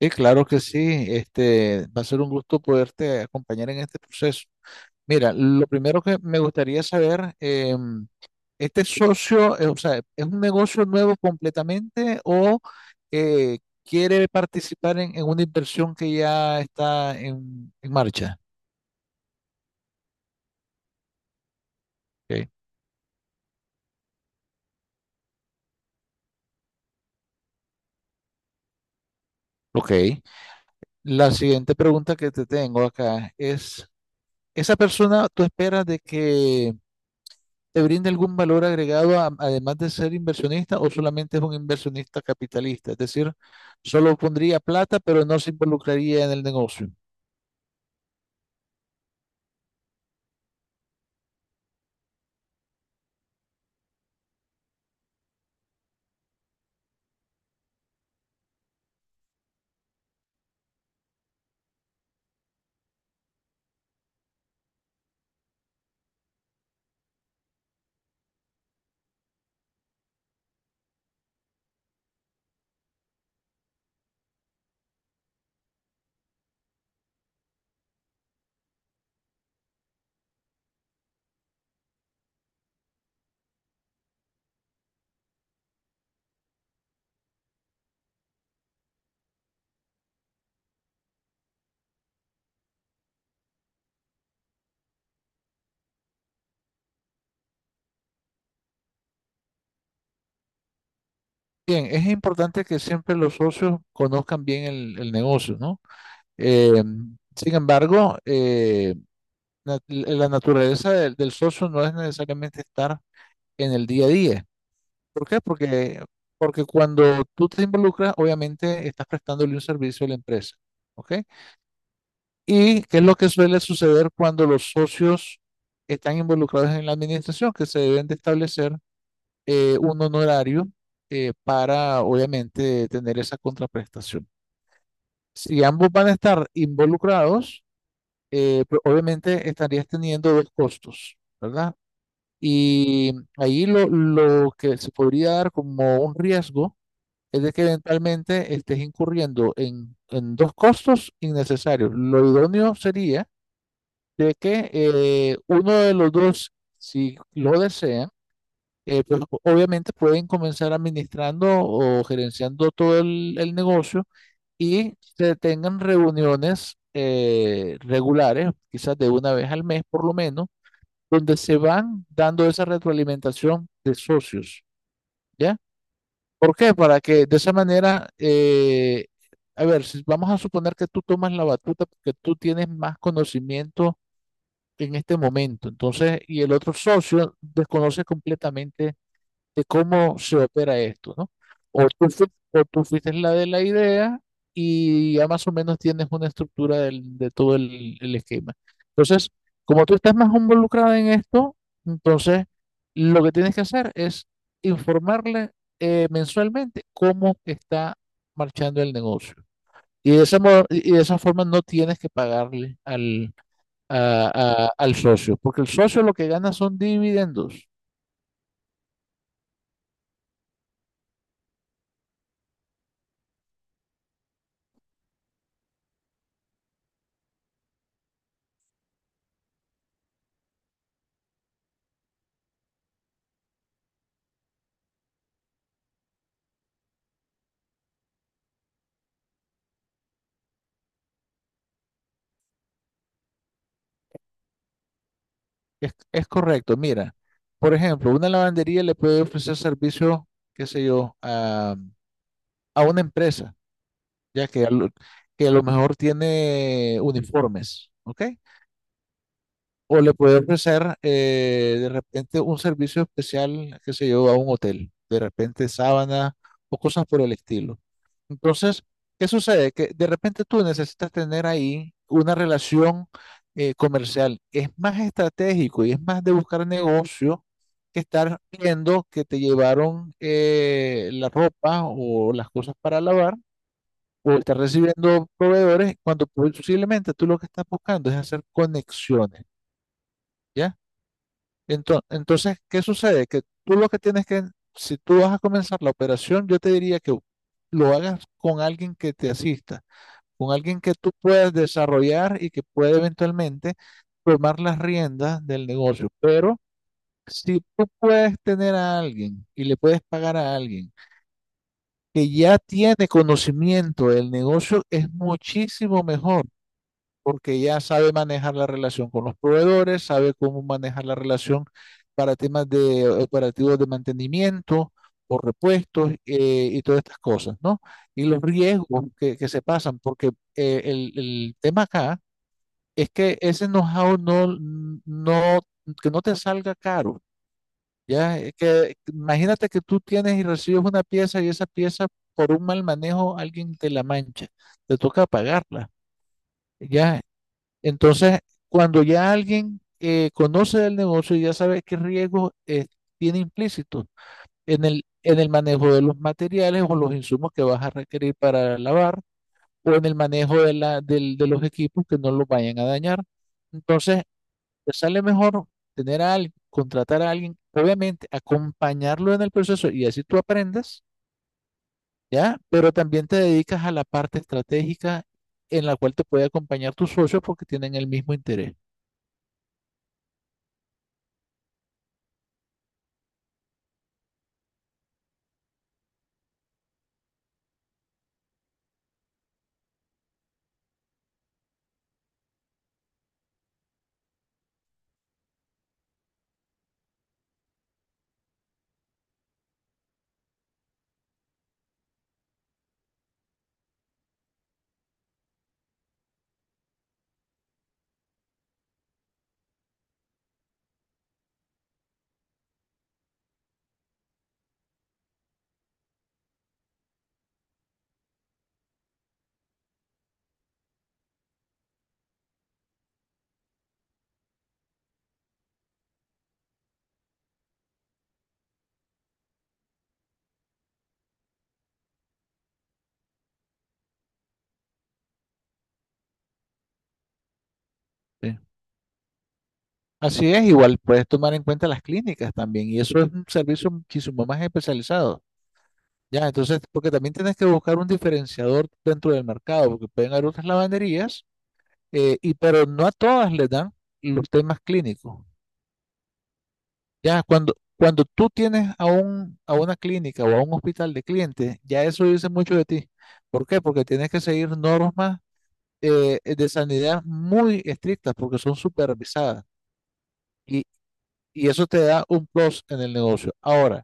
Sí, claro que sí. Va a ser un gusto poderte acompañar en este proceso. Mira, lo primero que me gustaría saber, ¿este socio, o sea, es un negocio nuevo completamente o quiere participar en una inversión que ya está en marcha? Ok. Ok. La siguiente pregunta que te tengo acá es, ¿esa persona tú esperas de que te brinda algún valor agregado además de ser inversionista o solamente es un inversionista capitalista? Es decir, solo pondría plata pero no se involucraría en el negocio. Bien, es importante que siempre los socios conozcan bien el negocio, ¿no? Eh, sin embargo, la naturaleza del socio no es necesariamente estar en el día a día. ¿Por qué? Porque cuando tú te involucras, obviamente estás prestándole un servicio a la empresa, ¿ok? ¿Y qué es lo que suele suceder cuando los socios están involucrados en la administración? Que se deben de establecer un honorario para, obviamente, tener esa contraprestación. Si ambos van a estar involucrados, pues, obviamente estarías teniendo dos costos, ¿verdad? Y ahí lo que se podría dar como un riesgo es de que eventualmente estés incurriendo en dos costos innecesarios. Lo idóneo sería de que uno de los dos, si lo desea, pues obviamente pueden comenzar administrando o gerenciando todo el negocio y se tengan reuniones regulares, quizás de una vez al mes por lo menos, donde se van dando esa retroalimentación de socios, ¿ya? ¿Por qué? Para que de esa manera, a ver, si vamos a suponer que tú tomas la batuta porque tú tienes más conocimiento en este momento. Entonces, y el otro socio desconoce completamente de cómo se opera esto, ¿no? O tú, o tú fuiste la de la idea y ya más o menos tienes una estructura de todo el esquema. Entonces, como tú estás más involucrada en esto, entonces lo que tienes que hacer es informarle mensualmente cómo está marchando el negocio. Y de esa, y de esa forma no tienes que pagarle al socio, porque el socio lo que gana son dividendos. Es correcto. Mira, por ejemplo, una lavandería le puede ofrecer servicio, qué sé yo, a una empresa, ya que a lo mejor tiene uniformes, ¿ok? O le puede ofrecer de repente un servicio especial, que se yo, a un hotel, de repente sábana o cosas por el estilo. Entonces, ¿qué sucede? Que de repente tú necesitas tener ahí una relación comercial. Es más estratégico y es más de buscar negocio que estar viendo que te llevaron la ropa o las cosas para lavar o estar recibiendo proveedores cuando posiblemente tú lo que estás buscando es hacer conexiones. ¿Ya? Entonces, ¿qué sucede? Que tú lo que si tú vas a comenzar la operación, yo te diría que lo hagas con alguien que te asista, con alguien que tú puedas desarrollar y que puede eventualmente tomar las riendas del negocio. Pero si tú puedes tener a alguien y le puedes pagar a alguien que ya tiene conocimiento del negocio, es muchísimo mejor porque ya sabe manejar la relación con los proveedores, sabe cómo manejar la relación para temas de operativos de mantenimiento o repuestos y todas estas cosas, ¿no? Y los riesgos que se pasan, porque el tema acá es que ese know-how no, que no te salga caro, ¿ya? Es que, imagínate que tú tienes y recibes una pieza y esa pieza por un mal manejo alguien te la mancha, te toca pagarla. Ya, entonces, cuando ya alguien conoce del negocio y ya sabe qué riesgos tiene implícitos en el manejo de los materiales o los insumos que vas a requerir para lavar o en el manejo de los equipos que no los vayan a dañar. Entonces, te sale mejor tener a alguien, contratar a alguien, obviamente acompañarlo en el proceso y así tú aprendes, ¿ya? Pero también te dedicas a la parte estratégica en la cual te puede acompañar tus socios porque tienen el mismo interés. ¿Sí? Así es, igual puedes tomar en cuenta las clínicas también, y eso es un servicio muchísimo más especializado. Ya, entonces, porque también tienes que buscar un diferenciador dentro del mercado, porque pueden haber otras lavanderías, pero no a todas les dan los temas clínicos. Ya, cuando tú tienes a un, a una clínica o a un hospital de clientes, ya eso dice mucho de ti. ¿Por qué? Porque tienes que seguir normas de sanidad muy estrictas, porque son supervisadas, y, y eso te da un plus en el negocio. Ahora,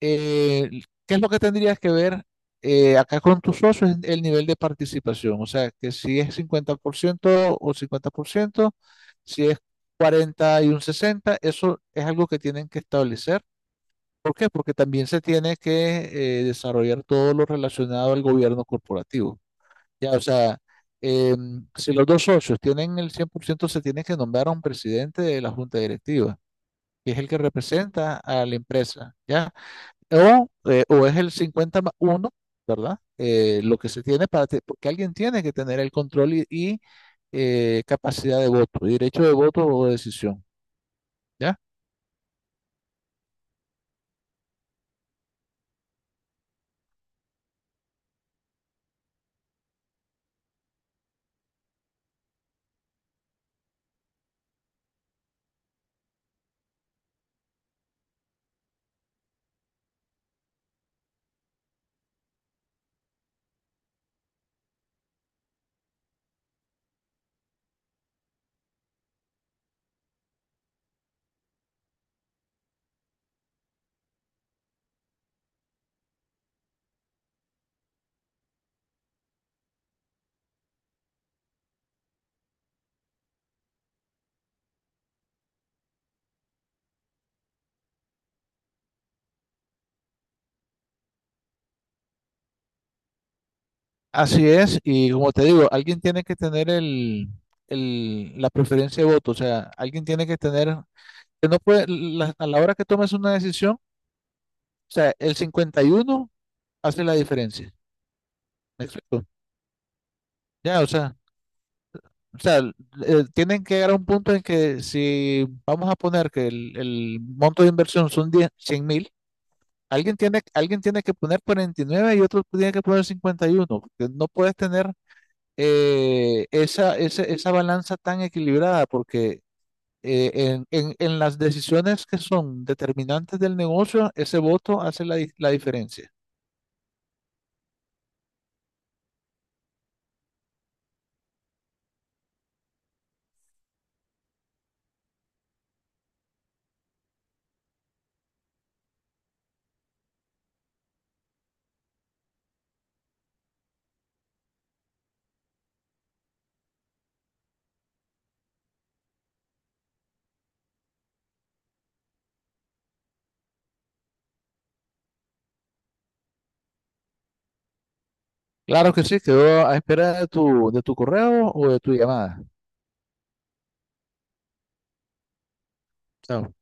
eh, ¿qué es lo que tendrías que ver acá con tus socios? Es el nivel de participación, o sea, que si es 50% o 50% si es 40 y un 60 eso es algo que tienen que establecer. ¿Por qué? Porque también se tiene que desarrollar todo lo relacionado al gobierno corporativo. Ya, o sea, si los dos socios tienen el 100% se tiene que nombrar a un presidente de la junta directiva, que es el que representa a la empresa, ¿ya? O es el 50 más 1, ¿verdad? Lo que se tiene porque alguien tiene que tener el control capacidad de voto, derecho de voto o decisión, ¿ya? Así es, y como te digo, alguien tiene que tener la preferencia de voto, o sea, alguien tiene que tener, que no puede, a la hora que tomes una decisión, o sea, el 51 hace la diferencia, ¿me explico? Ya, o sea, O sea, tienen que llegar a un punto en que si vamos a poner que el monto de inversión son 10, 100 mil, alguien tiene que poner 49 y nueve y otro tiene que poner 51, porque no puedes tener esa balanza tan equilibrada, porque en las decisiones que son determinantes del negocio, ese voto hace la diferencia. Claro que sí, quedo a espera de tu correo o de tu llamada. Chao.